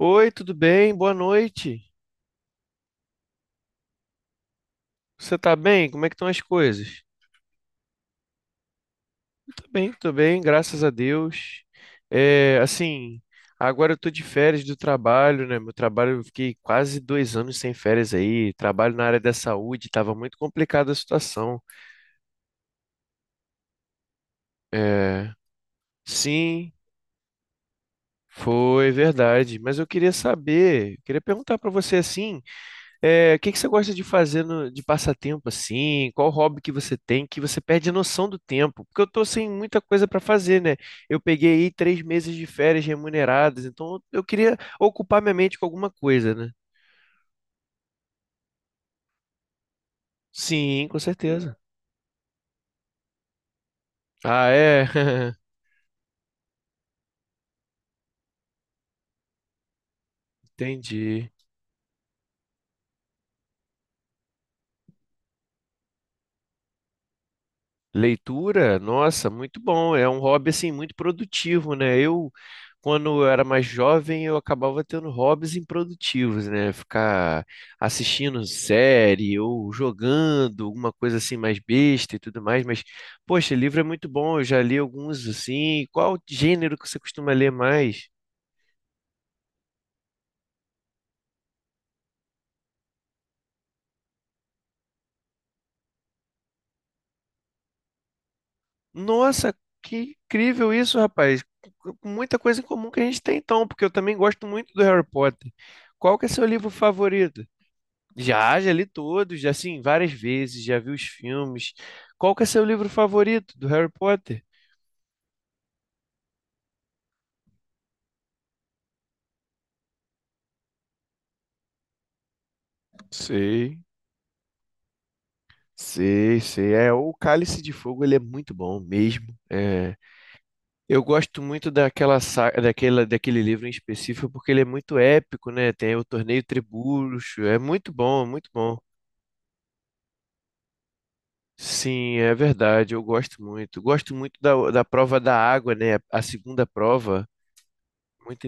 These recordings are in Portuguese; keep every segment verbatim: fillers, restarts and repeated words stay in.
Oi, tudo bem? Boa noite. Você tá bem? Como é que estão as coisas? Eu Tô bem, tô bem, graças a Deus. É, assim, agora eu tô de férias do trabalho, né? Meu trabalho, eu fiquei quase dois anos sem férias aí. Trabalho na área da saúde, tava muito complicada a situação. É, sim, foi verdade. Mas eu queria saber, queria perguntar pra você assim. É, o que que você gosta de fazer no- de passatempo assim? Qual hobby que você tem que você perde a noção do tempo? Porque eu tô sem muita coisa para fazer, né? Eu peguei aí três meses de férias remuneradas, então eu queria ocupar minha mente com alguma coisa, né? Sim, com certeza. Ah, é? Entendi. Leitura, nossa, muito bom. É um hobby assim muito produtivo, né? Eu, quando eu era mais jovem, eu acabava tendo hobbies improdutivos, né? Ficar assistindo série ou jogando, alguma coisa assim mais besta e tudo mais. Mas, poxa, livro é muito bom. Eu já li alguns assim. Qual gênero que você costuma ler mais? Nossa, que incrível isso, rapaz. Com com muita coisa em comum que a gente tem então, porque eu também gosto muito do Harry Potter. Qual que é seu livro favorito? Já, já li todos, já, assim, várias vezes, já vi os filmes. Qual que é seu livro favorito do Harry Potter? Sei, sei, sei. É, o Cálice de Fogo, ele é muito bom mesmo. É, eu gosto muito daquela, sa- daquela, daquele livro em específico porque ele é muito épico, né? Tem o Torneio Tribruxo, é muito bom, muito bom. Sim, é verdade, eu gosto muito. Gosto muito da, da prova da água, né? A segunda prova, muito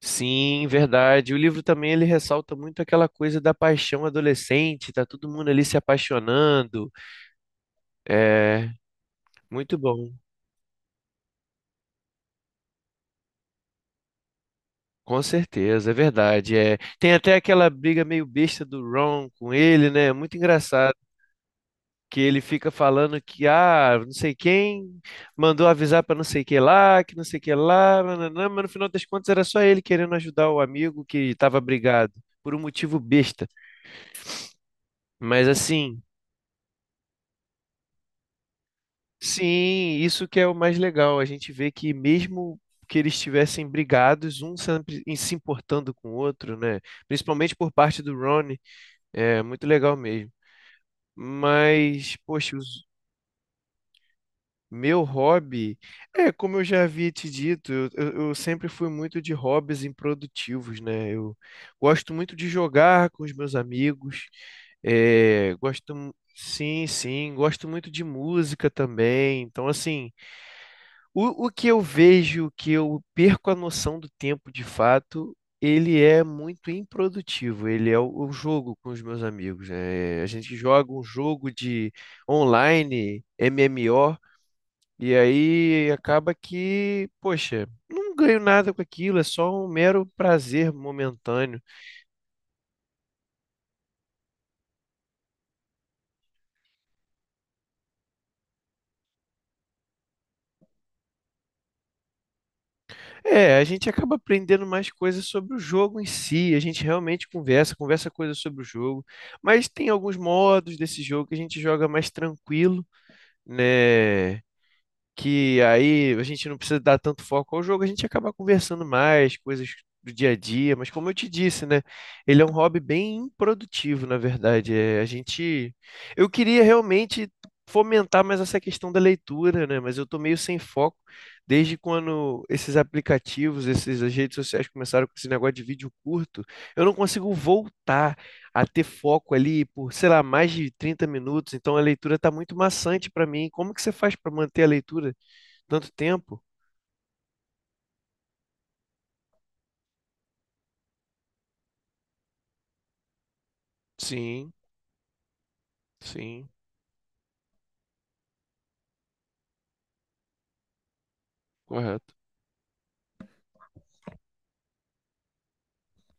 Sim, verdade. O livro também ele ressalta muito aquela coisa da paixão adolescente, tá todo mundo ali se apaixonando. É muito bom. Com certeza, é verdade. É, tem até aquela briga meio besta do Ron com ele, né? Muito engraçado que ele fica falando que ah, não sei quem mandou avisar pra não sei que lá, que não sei que lá, nananã, mas no final das contas era só ele querendo ajudar o amigo que estava brigado por um motivo besta. Mas assim, sim, isso que é o mais legal. A gente vê que mesmo que eles estivessem brigados, um sempre em- se importando com o outro, né? Principalmente por parte do Ron, é muito legal mesmo. Mas, poxa, os- meu hobby, é como eu já havia te dito, eu, eu- eu sempre fui muito de hobbies improdutivos, né? Eu gosto muito de jogar com os meus amigos, é, gosto, mu- sim, sim, gosto muito de música também. Então, assim, O, o que eu vejo, que eu perco a noção do tempo de fato, ele é muito improdutivo. Ele é o, o jogo com os meus amigos, né? A gente joga um jogo de online, M M O, e aí acaba que, poxa, não ganho nada com aquilo, é só um mero prazer momentâneo. É, a gente acaba aprendendo mais coisas sobre o jogo em si, a gente realmente conversa, conversa coisas sobre o jogo, mas tem alguns modos desse jogo que a gente joga mais tranquilo, né? Que aí a gente não precisa dar tanto foco ao jogo, a gente acaba conversando mais, coisas do dia a dia, mas como eu te disse, né? Ele é um hobby bem improdutivo, na verdade. É, a gente. Eu queria realmente fomentar mais essa questão da leitura, né? Mas eu tô meio sem foco desde quando esses aplicativos, essas redes sociais começaram com esse negócio de vídeo curto, eu não consigo voltar a ter foco ali por, sei lá, mais de trinta minutos. Então a leitura está muito maçante para mim. Como que você faz para manter a leitura tanto tempo? Sim, sim, correto.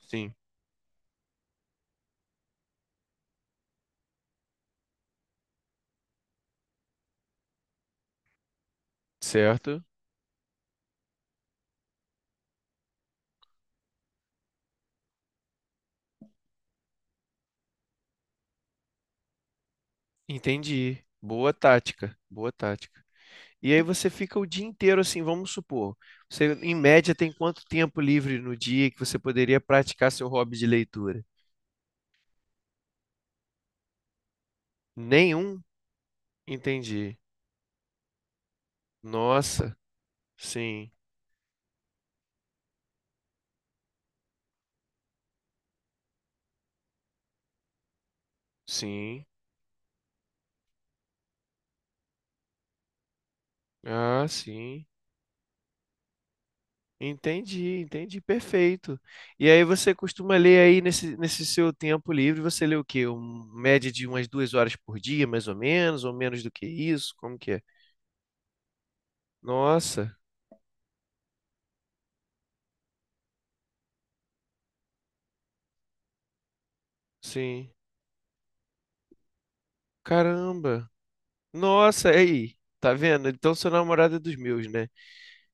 Sim, certo. Entendi. Boa tática, boa tática. E aí você fica o dia inteiro assim, vamos supor, você em média tem quanto tempo livre no dia que você poderia praticar seu hobby de leitura? Nenhum? Entendi. Nossa, sim, sim. Ah, sim. Entendi, entendi, perfeito. E aí você costuma ler aí nesse, nesse seu tempo livre, você lê o quê? Um, média de umas duas horas por dia, mais ou menos, ou menos do que isso? Como que é? Nossa, sim. Caramba. Nossa, aí, tá vendo? Então sua namorada é dos meus, né?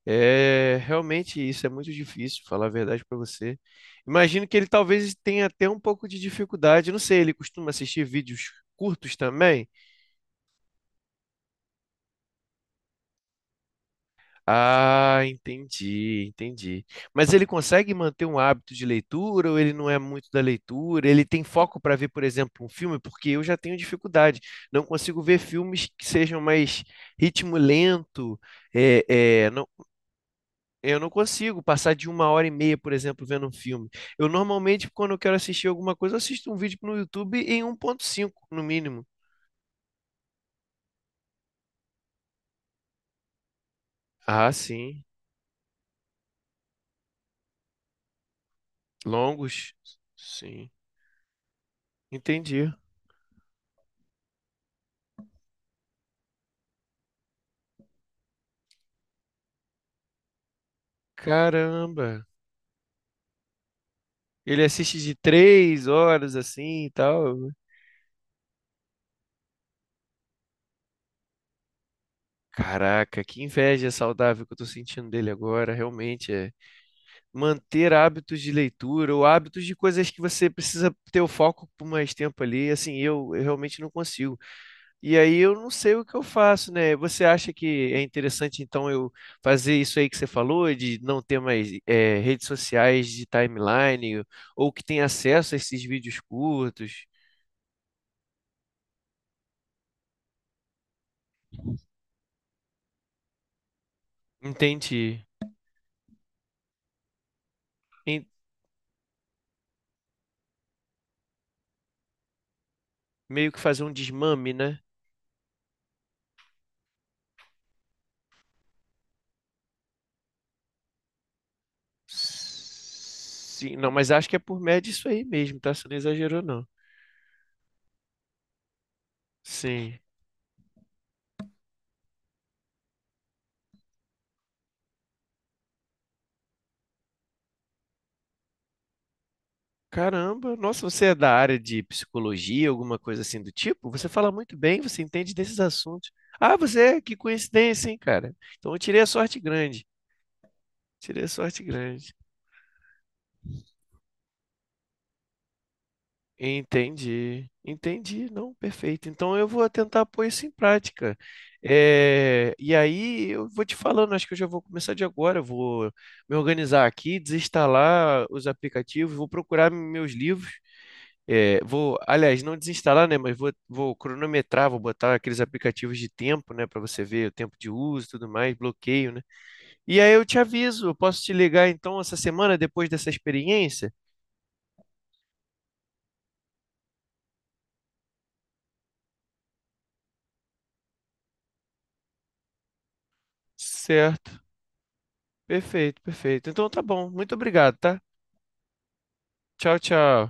É, realmente isso é muito difícil, falar a verdade pra você. Imagino que ele talvez tenha até um pouco de dificuldade, não sei, ele costuma assistir vídeos curtos também? Ah, entendi, entendi. Mas ele consegue manter um hábito de leitura ou ele não é muito da leitura? Ele tem foco para ver, por exemplo, um filme? Porque eu já tenho dificuldade. Não consigo ver filmes que sejam mais ritmo lento. É, é, não, eu não consigo passar de uma hora e meia, por exemplo, vendo um filme. Eu normalmente, quando eu quero assistir alguma coisa, eu assisto um vídeo no YouTube em um ponto cinco no mínimo. Ah, sim. Longos? Sim. Entendi. Caramba. Ele assiste de três horas assim e tal. Caraca, que inveja saudável que eu tô sentindo dele agora, realmente é. Manter hábitos de leitura ou hábitos de coisas que você precisa ter o foco por mais tempo ali, assim, eu, eu realmente não consigo. E aí eu não sei o que eu faço, né? Você acha que é interessante, então, eu fazer isso aí que você falou, de não ter mais eh, redes sociais de timeline, ou que tem acesso a esses vídeos curtos? Entendi. Meio que fazer um desmame, né? Sim, não, mas acho que é por média isso aí mesmo, tá? Você não exagerou, não. Sim. Caramba, nossa, você é da área de psicologia, alguma coisa assim do tipo? Você fala muito bem, você entende desses assuntos. Ah, você é? Que coincidência, hein, cara? Então eu tirei a sorte grande. Tirei a sorte grande. Entendi, entendi, não, perfeito. Então eu vou tentar pôr isso em prática. É, e aí eu vou te falando, acho que eu já vou começar de agora. Eu Vou me organizar aqui, desinstalar os aplicativos, vou procurar meus livros. É, vou, aliás, não desinstalar, né? Mas vou, vou cronometrar, vou botar aqueles aplicativos de tempo, né? Para você ver o tempo de uso, e tudo mais, bloqueio, né? E aí eu te aviso, eu posso te ligar então essa semana depois dessa experiência? Certo. Perfeito, perfeito. Então tá bom. Muito obrigado, tá? Tchau, tchau.